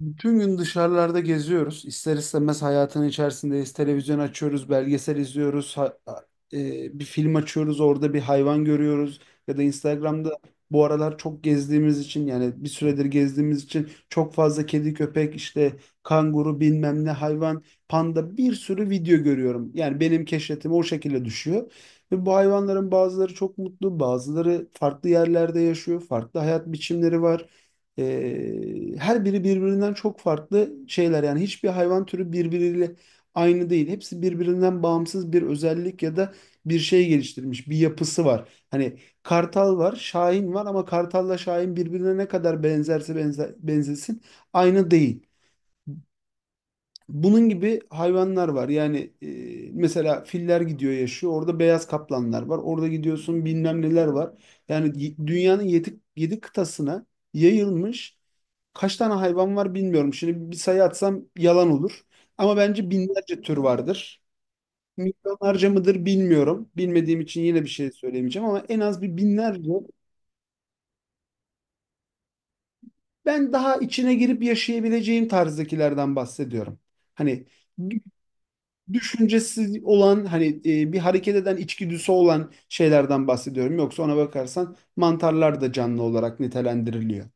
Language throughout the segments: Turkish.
Bütün gün dışarılarda geziyoruz. İster istemez hayatın içerisindeyiz. Televizyon açıyoruz, belgesel izliyoruz. Bir film açıyoruz, orada bir hayvan görüyoruz. Ya da Instagram'da bu aralar çok gezdiğimiz için, yani bir süredir gezdiğimiz için, çok fazla kedi, köpek, işte kanguru, bilmem ne hayvan, panda, bir sürü video görüyorum. Yani benim keşfetime o şekilde düşüyor. Ve bu hayvanların bazıları çok mutlu, bazıları farklı yerlerde yaşıyor, farklı hayat biçimleri var. Her biri birbirinden çok farklı şeyler. Yani hiçbir hayvan türü birbiriyle aynı değil. Hepsi birbirinden bağımsız bir özellik ya da bir şey geliştirmiş, bir yapısı var. Hani kartal var, şahin var, ama kartalla şahin birbirine ne kadar benzerse benzesin aynı değil. Bunun gibi hayvanlar var. Yani mesela filler gidiyor yaşıyor. Orada beyaz kaplanlar var. Orada gidiyorsun, bilmem neler var. Yani dünyanın yedi kıtasına yayılmış kaç tane hayvan var bilmiyorum. Şimdi bir sayı atsam yalan olur. Ama bence binlerce tür vardır. Milyonlarca mıdır bilmiyorum. Bilmediğim için yine bir şey söylemeyeceğim, ama en az bir binlerce. Ben daha içine girip yaşayabileceğim tarzdakilerden bahsediyorum. Hani düşüncesi olan, hani bir hareket eden, içgüdüsü olan şeylerden bahsediyorum. Yoksa ona bakarsan mantarlar da canlı olarak nitelendiriliyor.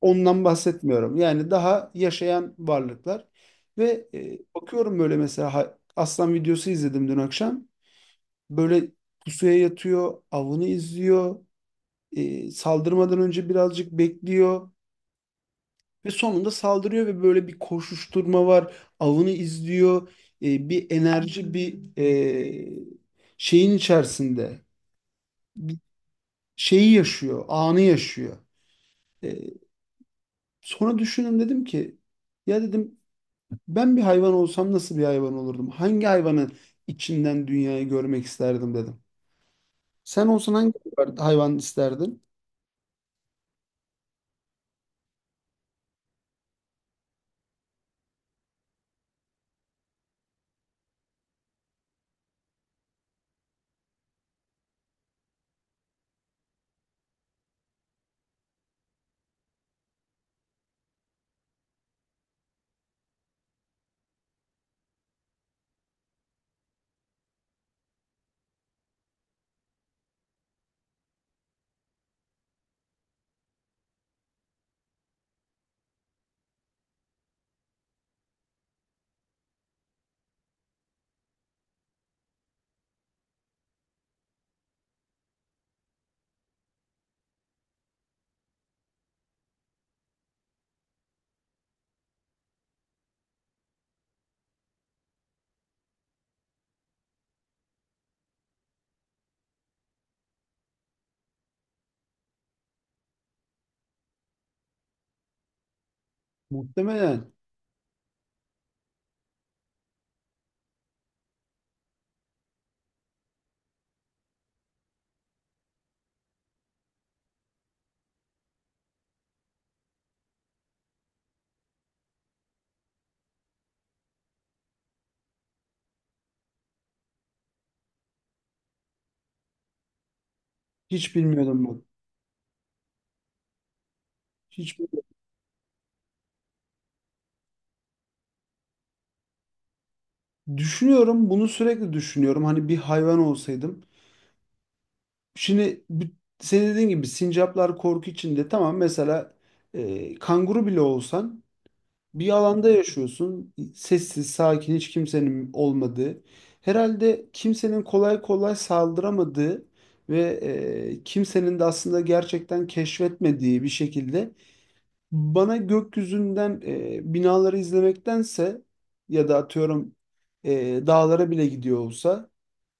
Ondan bahsetmiyorum. Yani daha yaşayan varlıklar. Ve bakıyorum böyle, mesela aslan videosu izledim dün akşam. Böyle pusuya yatıyor, avını izliyor, saldırmadan önce birazcık bekliyor. Ve sonunda saldırıyor ve böyle bir koşuşturma var. Avını izliyor. Bir enerji, bir şeyin içerisinde. Bir şeyi yaşıyor, anı yaşıyor. E, Sonra düşündüm, dedim ki, ya dedim, ben bir hayvan olsam nasıl bir hayvan olurdum? Hangi hayvanın içinden dünyayı görmek isterdim dedim. Sen olsan hangi hayvan isterdin? Muhtemelen. Hiç bilmiyordum ben. Hiç bilmiyordum. Düşünüyorum, bunu sürekli düşünüyorum. Hani bir hayvan olsaydım. Şimdi bu- Senin dediğin gibi sincaplar korku içinde, tamam, mesela kanguru bile olsan, bir alanda yaşıyorsun, sessiz sakin, hiç kimsenin olmadığı, herhalde kimsenin kolay kolay saldıramadığı ve kimsenin de aslında gerçekten keşfetmediği bir şekilde. Bana gökyüzünden binaları izlemektense, ya da atıyorum dağlara bile gidiyor olsa,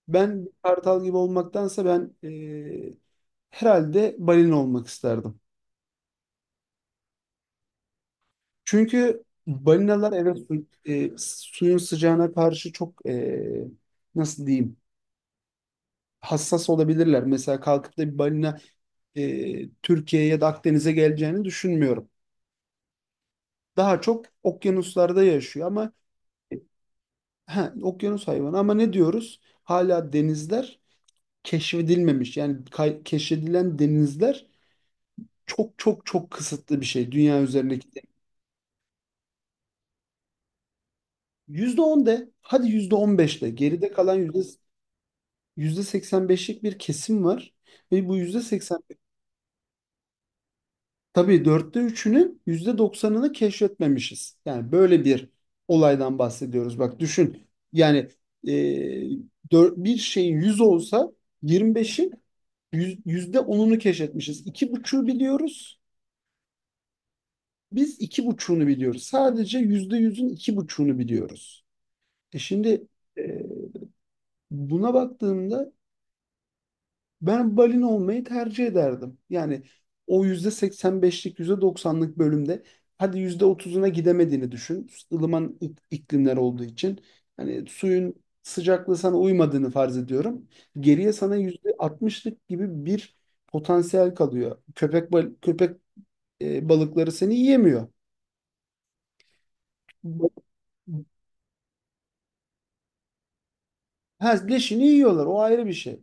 ben bir kartal gibi olmaktansa, herhalde balina olmak isterdim. Çünkü balinalar, evet, suyun sıcağına karşı çok nasıl diyeyim, hassas olabilirler. Mesela kalkıp da bir balina Türkiye'ye ya da Akdeniz'e geleceğini düşünmüyorum. Daha çok okyanuslarda yaşıyor. Ama e, ha, okyanus hayvanı, ama ne diyoruz? Hala denizler keşfedilmemiş. Yani keşfedilen denizler çok çok çok kısıtlı bir şey dünya üzerindeki. %10 de hadi, %15 de, geride kalan yüzde seksen beşlik bir kesim var. Ve bu %85. Tabii dörtte üçünün %90'ını keşfetmemişiz. Yani böyle bir olaydan bahsediyoruz. Bak düşün, yani e, bir şeyin 100 olsa, 25'in %10'unu keşfetmişiz. İki buçuğu biliyoruz. Biz iki buçuğunu biliyoruz. Sadece %100'ün iki buçuğunu biliyoruz. Şimdi e, buna baktığımda, ben olmayı tercih ederdim. Yani o %85'lik, %90'lık bölümde, hadi %30'una gidemediğini düşün, ılıman iklimler olduğu için. Hani suyun sıcaklığı sana uymadığını farz ediyorum. Geriye sana %60'lık gibi bir potansiyel kalıyor. Köpek balıkları seni yiyemiyor. Ba- Ha, Leşini yiyorlar. O ayrı bir şey.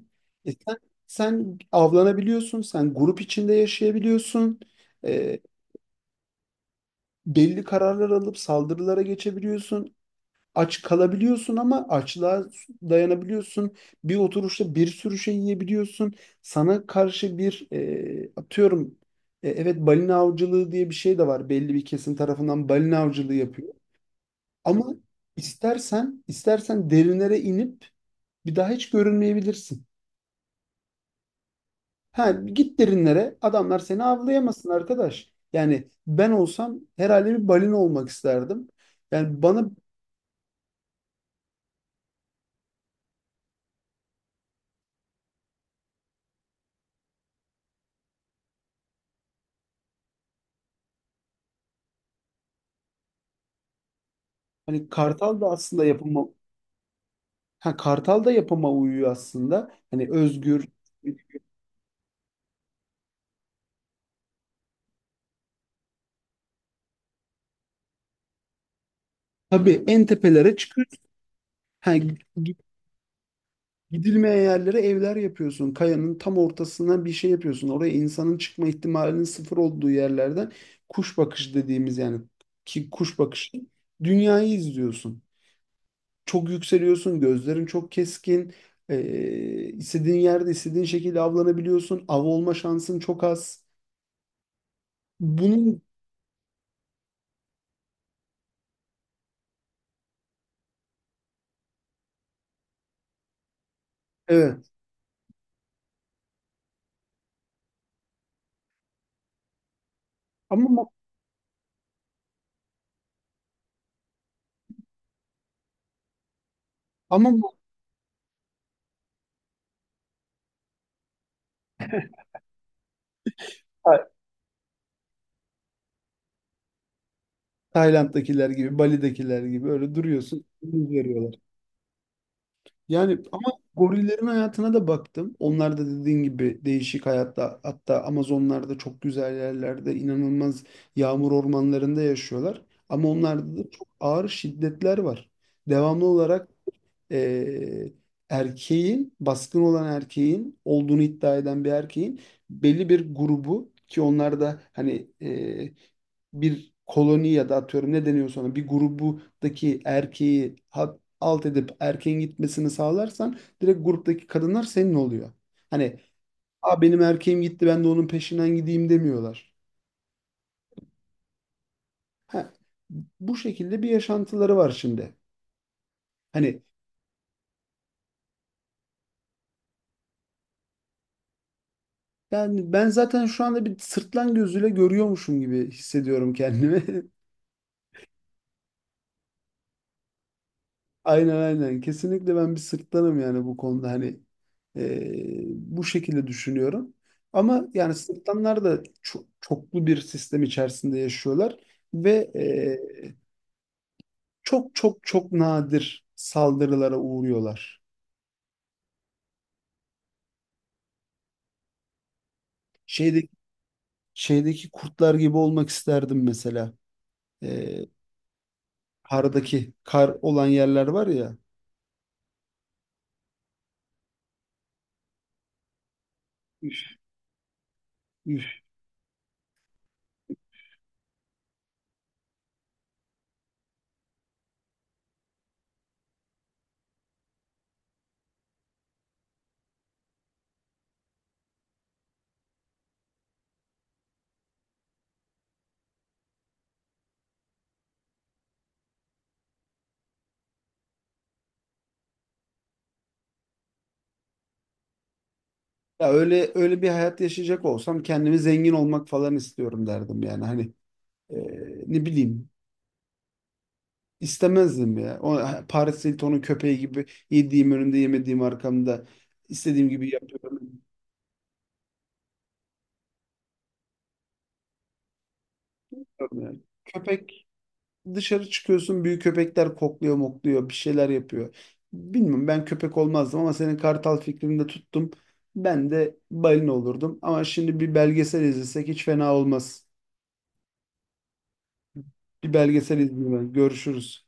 E sen, sen avlanabiliyorsun. Sen grup içinde yaşayabiliyorsun. E, Belli kararlar alıp saldırılara geçebiliyorsun. Aç kalabiliyorsun ama açlığa dayanabiliyorsun. Bir oturuşta bir sürü şey yiyebiliyorsun. Sana karşı bir e, atıyorum e, evet balina avcılığı diye bir şey de var. Belli bir kesim tarafından balina avcılığı yapıyor. Ama istersen derinlere inip bir daha hiç görünmeyebilirsin. Ha, Git derinlere, adamlar seni avlayamasın arkadaş. Yani ben olsam herhalde bir balina olmak isterdim. Yani bana Hani Kartal da aslında yapıma ha, Kartal da yapıma uyuyor aslında. Hani özgür. Tabii en tepelere çıkıyorsun. Ha, gi- Gidilmeyen yerlere evler yapıyorsun. Kayanın tam ortasından bir şey yapıyorsun. Oraya insanın çıkma ihtimalinin sıfır olduğu yerlerden, kuş bakışı dediğimiz, yani ki kuş bakışı dünyayı izliyorsun. Çok yükseliyorsun. Gözlerin çok keskin. İstediğin yerde, istediğin şekilde avlanabiliyorsun. Av olma şansın çok az. Bunun evet. Ama Ama Tay- Tayland'dakiler gibi, Bali'dekiler gibi öyle duruyorsun. Yüz veriyorlar. Yani ama gorillerin hayatına da baktım. Onlar da dediğin gibi değişik hayatta, hatta Amazonlarda çok güzel yerlerde, inanılmaz yağmur ormanlarında yaşıyorlar. Ama onlarda da çok ağır şiddetler var. Devamlı olarak eee, erkeğin, baskın olan erkeğin olduğunu iddia eden bir erkeğin belli bir grubu, ki onlar da hani bir koloni ya da atıyorum ne deniyorsa, ona bir grubudaki erkeği alt edip erkeğin gitmesini sağlarsan, direkt gruptaki kadınlar senin oluyor. Hani, "Aa, benim erkeğim gitti, ben de onun peşinden gideyim," demiyorlar. Ha, Bu şekilde bir yaşantıları var şimdi. Hani ben zaten şu anda bir sırtlan gözüyle görüyormuşum gibi hissediyorum kendimi. Aynen, aynen. Kesinlikle ben bir sırtlanım yani, bu konuda hani bu şekilde düşünüyorum. Ama yani sırtlanlar da çoklu bir sistem içerisinde yaşıyorlar ve çok çok çok nadir saldırılara uğruyorlar. Şeydeki, şeydeki kurtlar gibi olmak isterdim mesela. Ee, Kardaki, kar olan yerler var ya. Üf, üf. Ya, öyle öyle bir hayat yaşayacak olsam, kendimi zengin olmak falan istiyorum derdim yani. Hani e, ne bileyim, istemezdim ya. O Paris Hilton'un köpeği gibi, yediğim önümde yemediğim arkamda, istediğim gibi yapıyorum. Yani. Köpek Dışarı çıkıyorsun, büyük köpekler kokluyor mokluyor, bir şeyler yapıyor. Bilmiyorum, ben köpek olmazdım, ama senin kartal fikrini de tuttum. Ben de balina olurdum, ama şimdi bir belgesel izlesek hiç fena olmaz. Bir belgesel izleyelim. Görüşürüz.